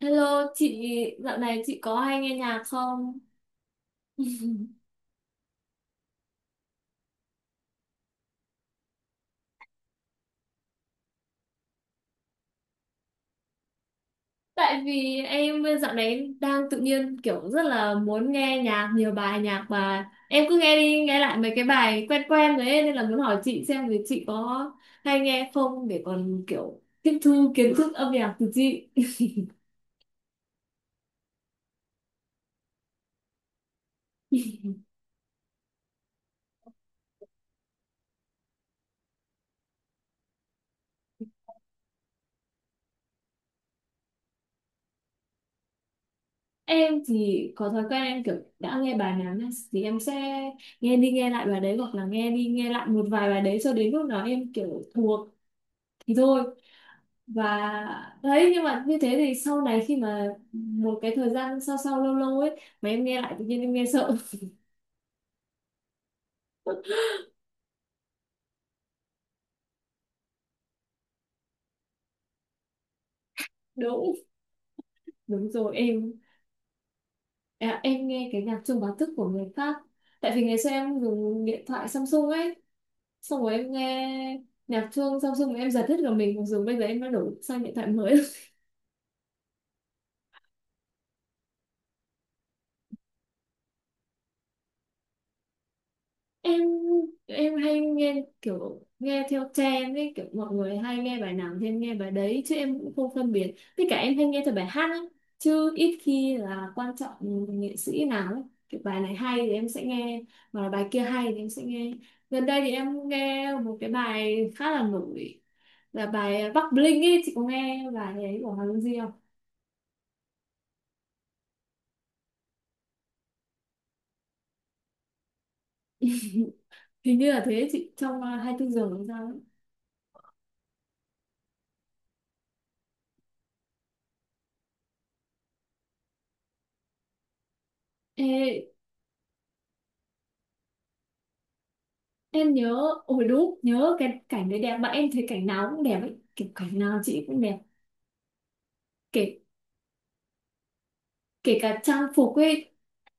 Hello chị, dạo này chị có hay nghe nhạc không? Tại vì em dạo này đang tự nhiên kiểu rất là muốn nghe nhạc, nhiều bài nhạc mà em cứ nghe đi nghe lại mấy cái bài quen quen đấy nên là muốn hỏi chị xem thì chị có hay nghe không để còn kiểu tiếp thu kiến thức âm nhạc từ chị. Em thì có thói quen em kiểu đã nghe bài nào nhá, thì em sẽ nghe đi nghe lại bài đấy hoặc là nghe đi nghe lại một vài bài đấy cho đến lúc nào em kiểu thuộc thì thôi và đấy, nhưng mà như thế thì sau này khi mà một cái thời gian sau sau lâu lâu ấy mà em nghe lại tự nhiên em nghe sợ. Đúng, đúng rồi em. À, em nghe cái nhạc chuông báo thức của người khác tại vì ngày xưa em dùng điện thoại Samsung ấy, xong rồi em nghe nhạc chuông Samsung em giật hết cả mình mặc dù bây giờ em đã đổi sang điện thoại mới. Em em hay nghe kiểu nghe theo trend ấy, kiểu mọi người hay nghe bài nào thì em nghe bài đấy chứ em cũng không phân biệt tất cả, em hay nghe theo bài hát ấy. Chứ ít khi là quan trọng nghệ sĩ nào ấy. Kiểu bài này hay thì em sẽ nghe mà bài kia hay thì em sẽ nghe. Gần đây thì em nghe một cái bài khá là nổi là bài Bắc Bling ấy, chị có nghe bài ấy của Hoàng Dung Di không? Hình như là thế chị, trong 24 giờ làm sao ấy. Ê, em nhớ, ôi đúng, nhớ cái cảnh đấy đẹp mà em thấy cảnh nào cũng đẹp ấy, kiểu cảnh nào chị cũng đẹp, kể kể cả trang phục ấy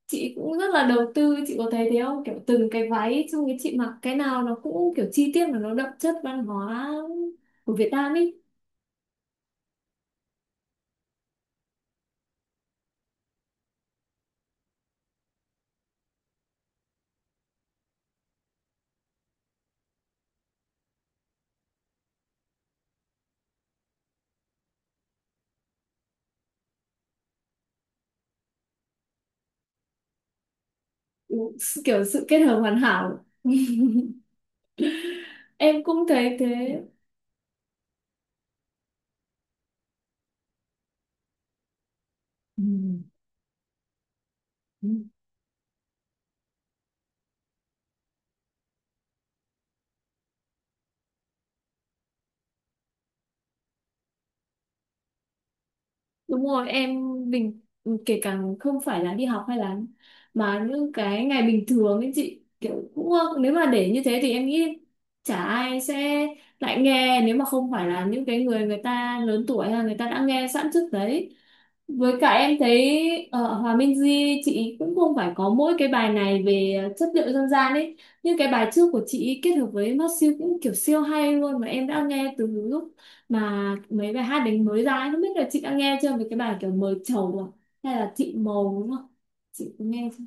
chị cũng rất là đầu tư, chị có thấy thế không kiểu từng cái váy xong cái chị mặc cái nào nó cũng kiểu chi tiết mà nó đậm chất văn hóa của Việt Nam ấy. Ừ, kiểu sự kết hợp hoàn hảo, em cũng thấy thế. Ừ. Đúng rồi, em bình, kể cả không phải là đi học hay là mà những cái ngày bình thường ấy chị kiểu cũng, nếu mà để như thế thì em nghĩ chả ai sẽ lại nghe nếu mà không phải là những cái người người ta lớn tuổi hay là người ta đã nghe sẵn trước đấy. Với cả em thấy ở Hòa Minh Di chị cũng không phải có mỗi cái bài này về chất liệu dân gian ấy, nhưng cái bài trước của chị kết hợp với mắt siêu cũng kiểu siêu hay luôn mà em đã nghe từ lúc mà mấy bài hát đấy mới ra ấy, không biết là chị đã nghe chưa về cái bài kiểu mời trầu à, hay là chị mầu đúng không, chị có nghe chưa?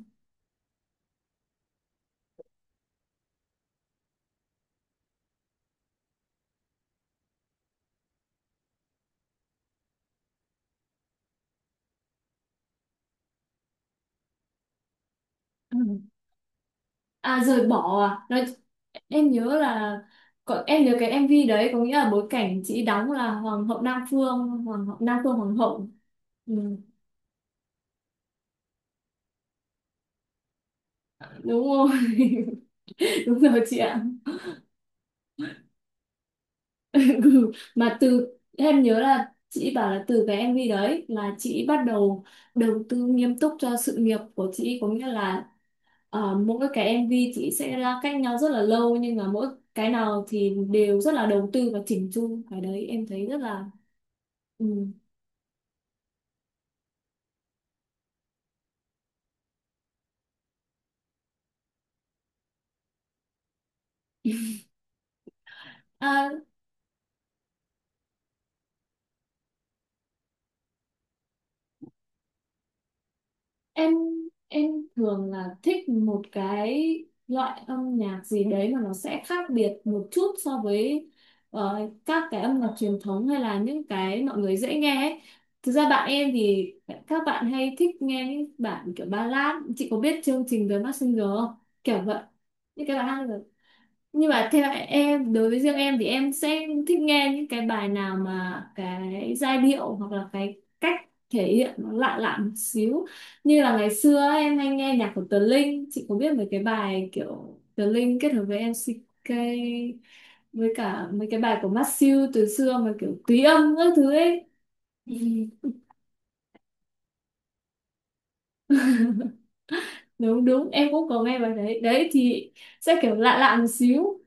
Ừ. À rời bỏ à Nói, em nhớ là có, em nhớ cái MV đấy có nghĩa là bối cảnh chị đóng là hoàng hậu Nam Phương, hoàng hậu Nam Phương, hoàng hậu. Ừ, đúng rồi. Đúng rồi chị ạ. Ừ, mà từ em nhớ là chị bảo là từ cái MV đấy là chị bắt đầu đầu tư nghiêm túc cho sự nghiệp của chị, có nghĩa là ờ, mỗi cái MV chị sẽ ra cách nhau rất là lâu nhưng mà mỗi cái nào thì đều rất là đầu tư và chỉnh chu, cái đấy em thấy rất là ừ. À, em em thường là thích một cái loại âm nhạc gì đấy mà nó sẽ khác biệt một chút so với các cái âm nhạc truyền thống hay là những cái mọi người dễ nghe ấy. Thực ra bạn em thì các bạn hay thích nghe những bản kiểu ballad, chị có biết chương trình The Masked Singer không, kiểu vậy, những cái bài hát, nhưng mà theo em, đối với riêng em thì em sẽ thích nghe những cái bài nào mà cái giai điệu hoặc là cái cách thể hiện nó lạ lạ một xíu. Như là ngày xưa ấy, em hay nghe nhạc của Tờ Linh, chị có biết mấy cái bài kiểu Tờ Linh kết hợp với MCK với cả mấy cái bài của Masew từ xưa mà kiểu tùy âm các thứ ấy. Ừ, đúng đúng, em cũng có nghe bài đấy đấy, thì sẽ kiểu lạ lạ một xíu.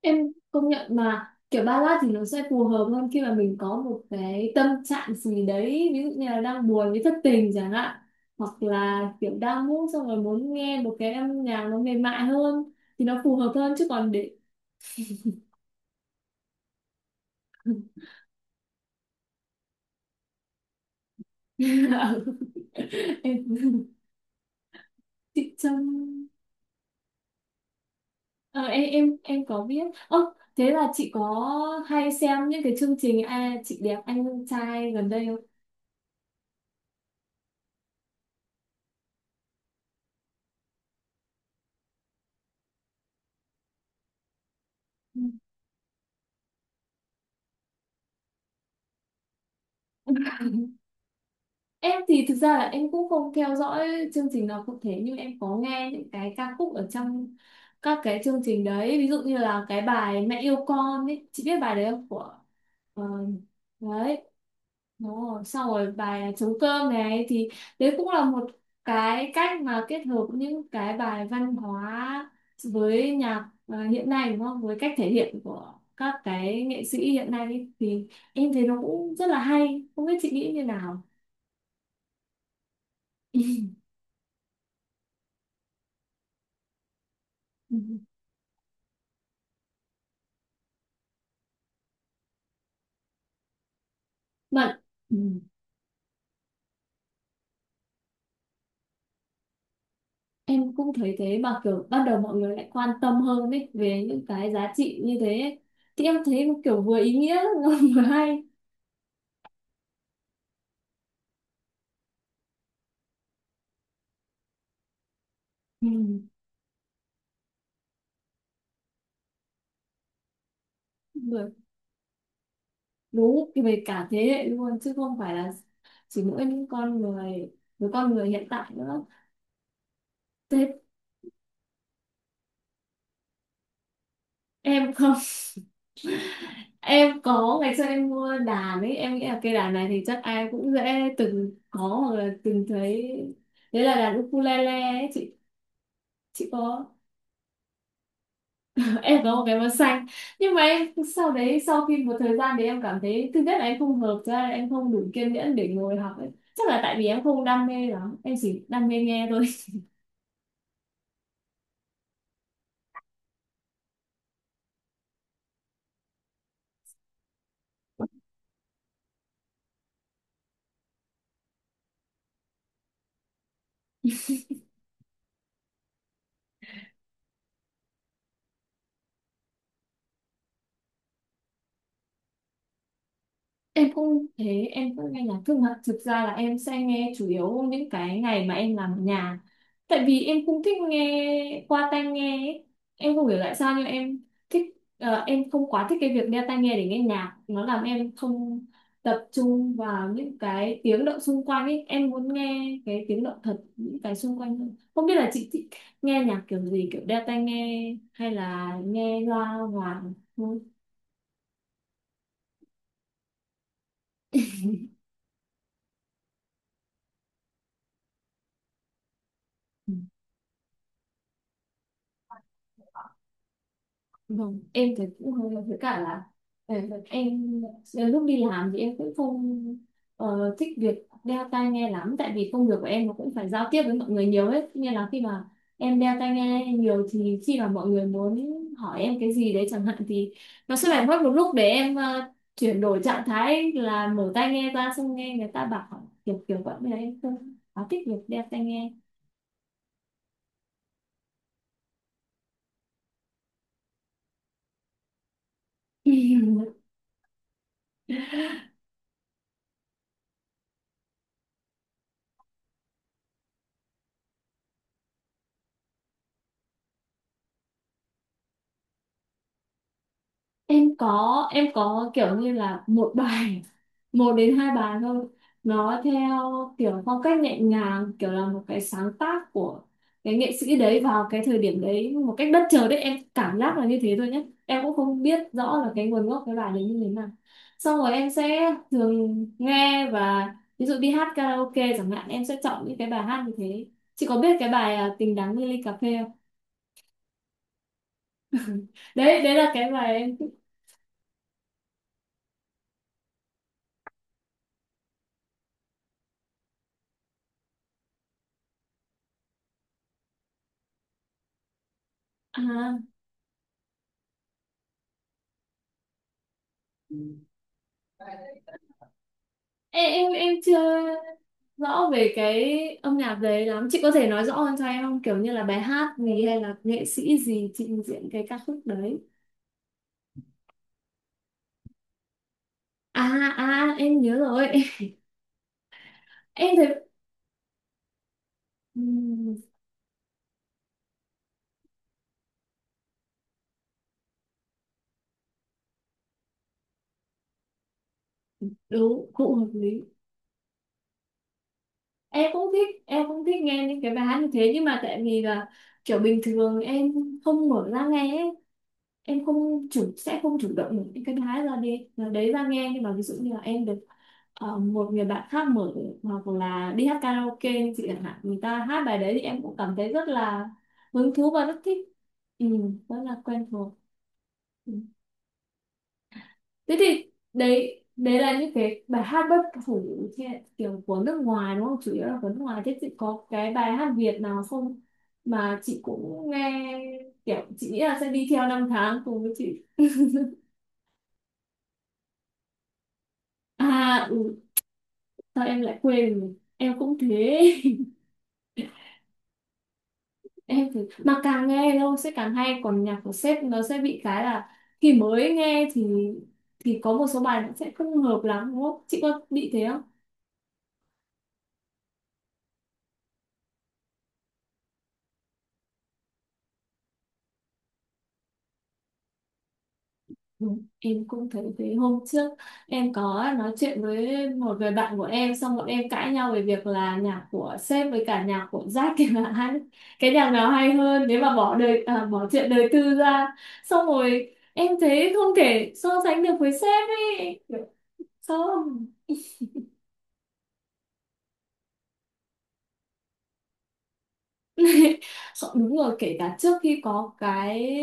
Em công nhận mà kiểu ballad thì nó sẽ phù hợp hơn khi mà mình có một cái tâm trạng gì đấy, ví dụ như là đang buồn với thất tình chẳng hạn, hoặc là kiểu đang ngủ xong rồi muốn nghe một cái âm nhạc nó mềm mại hơn thì nó phù hợp hơn, chứ còn để em chị Trâm. Ờ, em có biết. Ơ thế là chị có hay xem những cái chương trình à, chị đẹp anh trai gần đây không? Ừ. Em thì thực ra là em cũng không theo dõi chương trình nào cụ thể nhưng em có nghe những cái ca khúc ở trong các cái chương trình đấy, ví dụ như là cái bài Mẹ yêu con ấy, chị biết bài đấy không của ờ, đấy, đúng rồi. Sau rồi bài trống cơm này thì đấy cũng là một cái cách mà kết hợp những cái bài văn hóa với nhạc hiện nay đúng không, với cách thể hiện của các cái nghệ sĩ hiện nay ấy. Thì em thấy nó cũng rất là hay, không biết chị nghĩ như nào. Ừ. Mà ừ, em cũng thấy thế mà kiểu ban đầu mọi người lại quan tâm hơn ấy về những cái giá trị như thế ấy. Thì em thấy kiểu vừa ý nghĩa vừa hay. Ừ. Vừa đúng về cả thế hệ luôn chứ không phải là chỉ mỗi những con người với con người hiện tại nữa thế. Em không. Em có, ngày xưa em mua đàn ấy, em nghĩ là cây đàn này thì chắc ai cũng dễ từng có hoặc là từng thấy, đấy là đàn ukulele ấy chị. Chị có. Em có một cái màu xanh, nhưng mà em sau đấy, sau khi một thời gian thì em cảm thấy thứ nhất là em không hợp, thứ hai là em không đủ kiên nhẫn để ngồi học ấy. Chắc là tại vì em không đam mê lắm, em chỉ đam mê nghe thôi. Em cũng thế, em cũng nghe nhạc nhưng mà thực ra là em sẽ nghe chủ yếu những cái ngày mà em làm ở nhà. Tại vì em cũng thích nghe qua tai nghe ấy. Em không hiểu tại sao nhưng em thích em không quá thích cái việc đeo tai nghe để nghe nhạc, nó làm em không tập trung vào những cái tiếng động xung quanh ấy. Em muốn nghe cái tiếng động thật, những cái xung quanh hơn. Không biết là chị thích nghe nhạc kiểu gì, kiểu đeo tai nghe hay là nghe loa ngoài thôi. Vâng, em thì cũng hơi với cả là ờ, em lúc đi làm thì em cũng không thích việc đeo tai nghe lắm tại vì công việc của em nó cũng phải giao tiếp với mọi người nhiều hết, nên là khi mà em đeo tai nghe nhiều thì khi mà mọi người muốn hỏi em cái gì đấy chẳng hạn thì nó sẽ phải mất một lúc để em chuyển đổi trạng thái là mở tai nghe ra xong nghe người ta bảo kiểu kiểu vậy, nên là em không quá thích việc đeo tai nghe. Em có kiểu như là một bài, một đến hai bài thôi, nó theo kiểu phong cách nhẹ nhàng kiểu là một cái sáng tác của cái nghệ sĩ đấy vào cái thời điểm đấy một cách bất chợt đấy, em cảm giác là như thế thôi nhé, em cũng không biết rõ là cái nguồn gốc cái bài đấy như thế nào. Xong rồi em sẽ thường nghe và ví dụ đi hát karaoke chẳng hạn em sẽ chọn những cái bài hát như thế. Chị có biết cái bài à, tình đắng như ly cà phê không? Đấy, đấy là cái bài em thích. À, ê, em chưa rõ về cái âm nhạc đấy lắm, chị có thể nói rõ hơn cho em không, kiểu như là bài hát gì hay là nghệ sĩ gì trình diễn cái ca khúc đấy? À, à em nhớ rồi. Em thấy ừm, đúng, cũng hợp lý. Em cũng thích nghe những cái bài hát như thế nhưng mà tại vì là kiểu bình thường em không mở ra nghe ấy. Em không chủ, sẽ không chủ động mở những cái đá ra đi là đấy ra nghe, nhưng mà ví dụ như là em được một người bạn khác mở hoặc là đi hát karaoke chị chẳng hạn, người ta hát bài đấy thì em cũng cảm thấy rất là hứng thú và rất thích. Ừ, rất là quen thuộc. Ừ. Thế thì đấy đấy là những cái bài hát bất hủ theo kiểu của nước ngoài đúng không, chủ yếu là của nước ngoài, thế chị có cái bài hát Việt nào không mà chị cũng nghe kiểu chị nghĩ là sẽ đi theo năm tháng cùng với chị? À ừ, sao em lại quên, em cũng thế. Em thì mà càng nghe lâu sẽ càng hay, còn nhạc của sếp nó sẽ bị cái là khi mới nghe thì có một số bài nó sẽ không hợp lắm, đúng không chị, có bị thế không? Ừ. Em cũng thấy thế. Hôm trước em có nói chuyện với một người bạn của em xong bọn em cãi nhau về việc là nhạc của sếp với cả nhạc của Jack thì là hai cái nhạc nào hay hơn, nếu mà bỏ đời à, bỏ chuyện đời tư ra, xong rồi em thấy không thể so sánh được với sếp ấy, không. Sợ- đúng rồi, kể cả trước khi có cái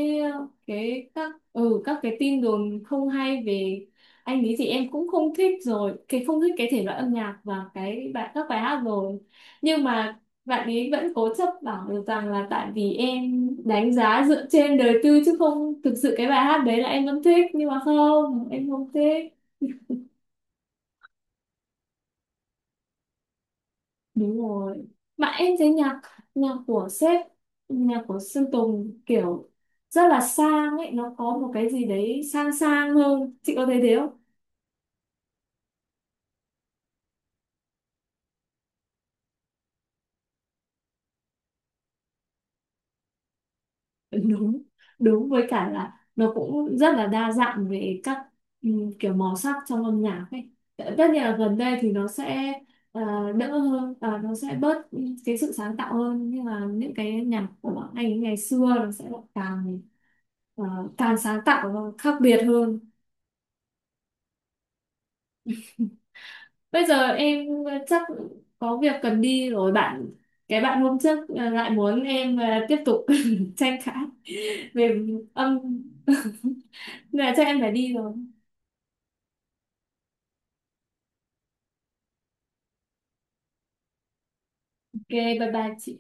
các cái tin đồn không hay về anh ấy thì em cũng không thích rồi cái, không thích cái thể loại âm nhạc và cái bài, các bài hát rồi, nhưng mà bạn ấy vẫn cố chấp bảo được rằng là tại vì em đánh giá dựa trên đời tư chứ không thực sự cái bài hát đấy là em vẫn thích, nhưng mà không, em không thích. Đúng rồi. Mà em thấy nhạc nhạc của sếp, nhạc của Sơn Tùng kiểu rất là sang ấy, nó có một cái gì đấy sang sang hơn, chị có thấy thế không? Đúng, đúng với cả là nó cũng rất là đa dạng về các kiểu màu sắc trong âm nhạc ấy, tất nhiên là gần đây thì nó sẽ đỡ hơn, nó sẽ bớt cái sự sáng tạo hơn nhưng mà những cái nhạc của anh ấy ngày xưa nó sẽ lại càng ờ, càng sáng tạo và khác biệt hơn. Bây giờ em chắc có việc cần đi rồi, cái bạn hôm trước lại muốn em tiếp tục tranh cãi về âm, nên là chắc em phải đi rồi. Ok, bye bye chị.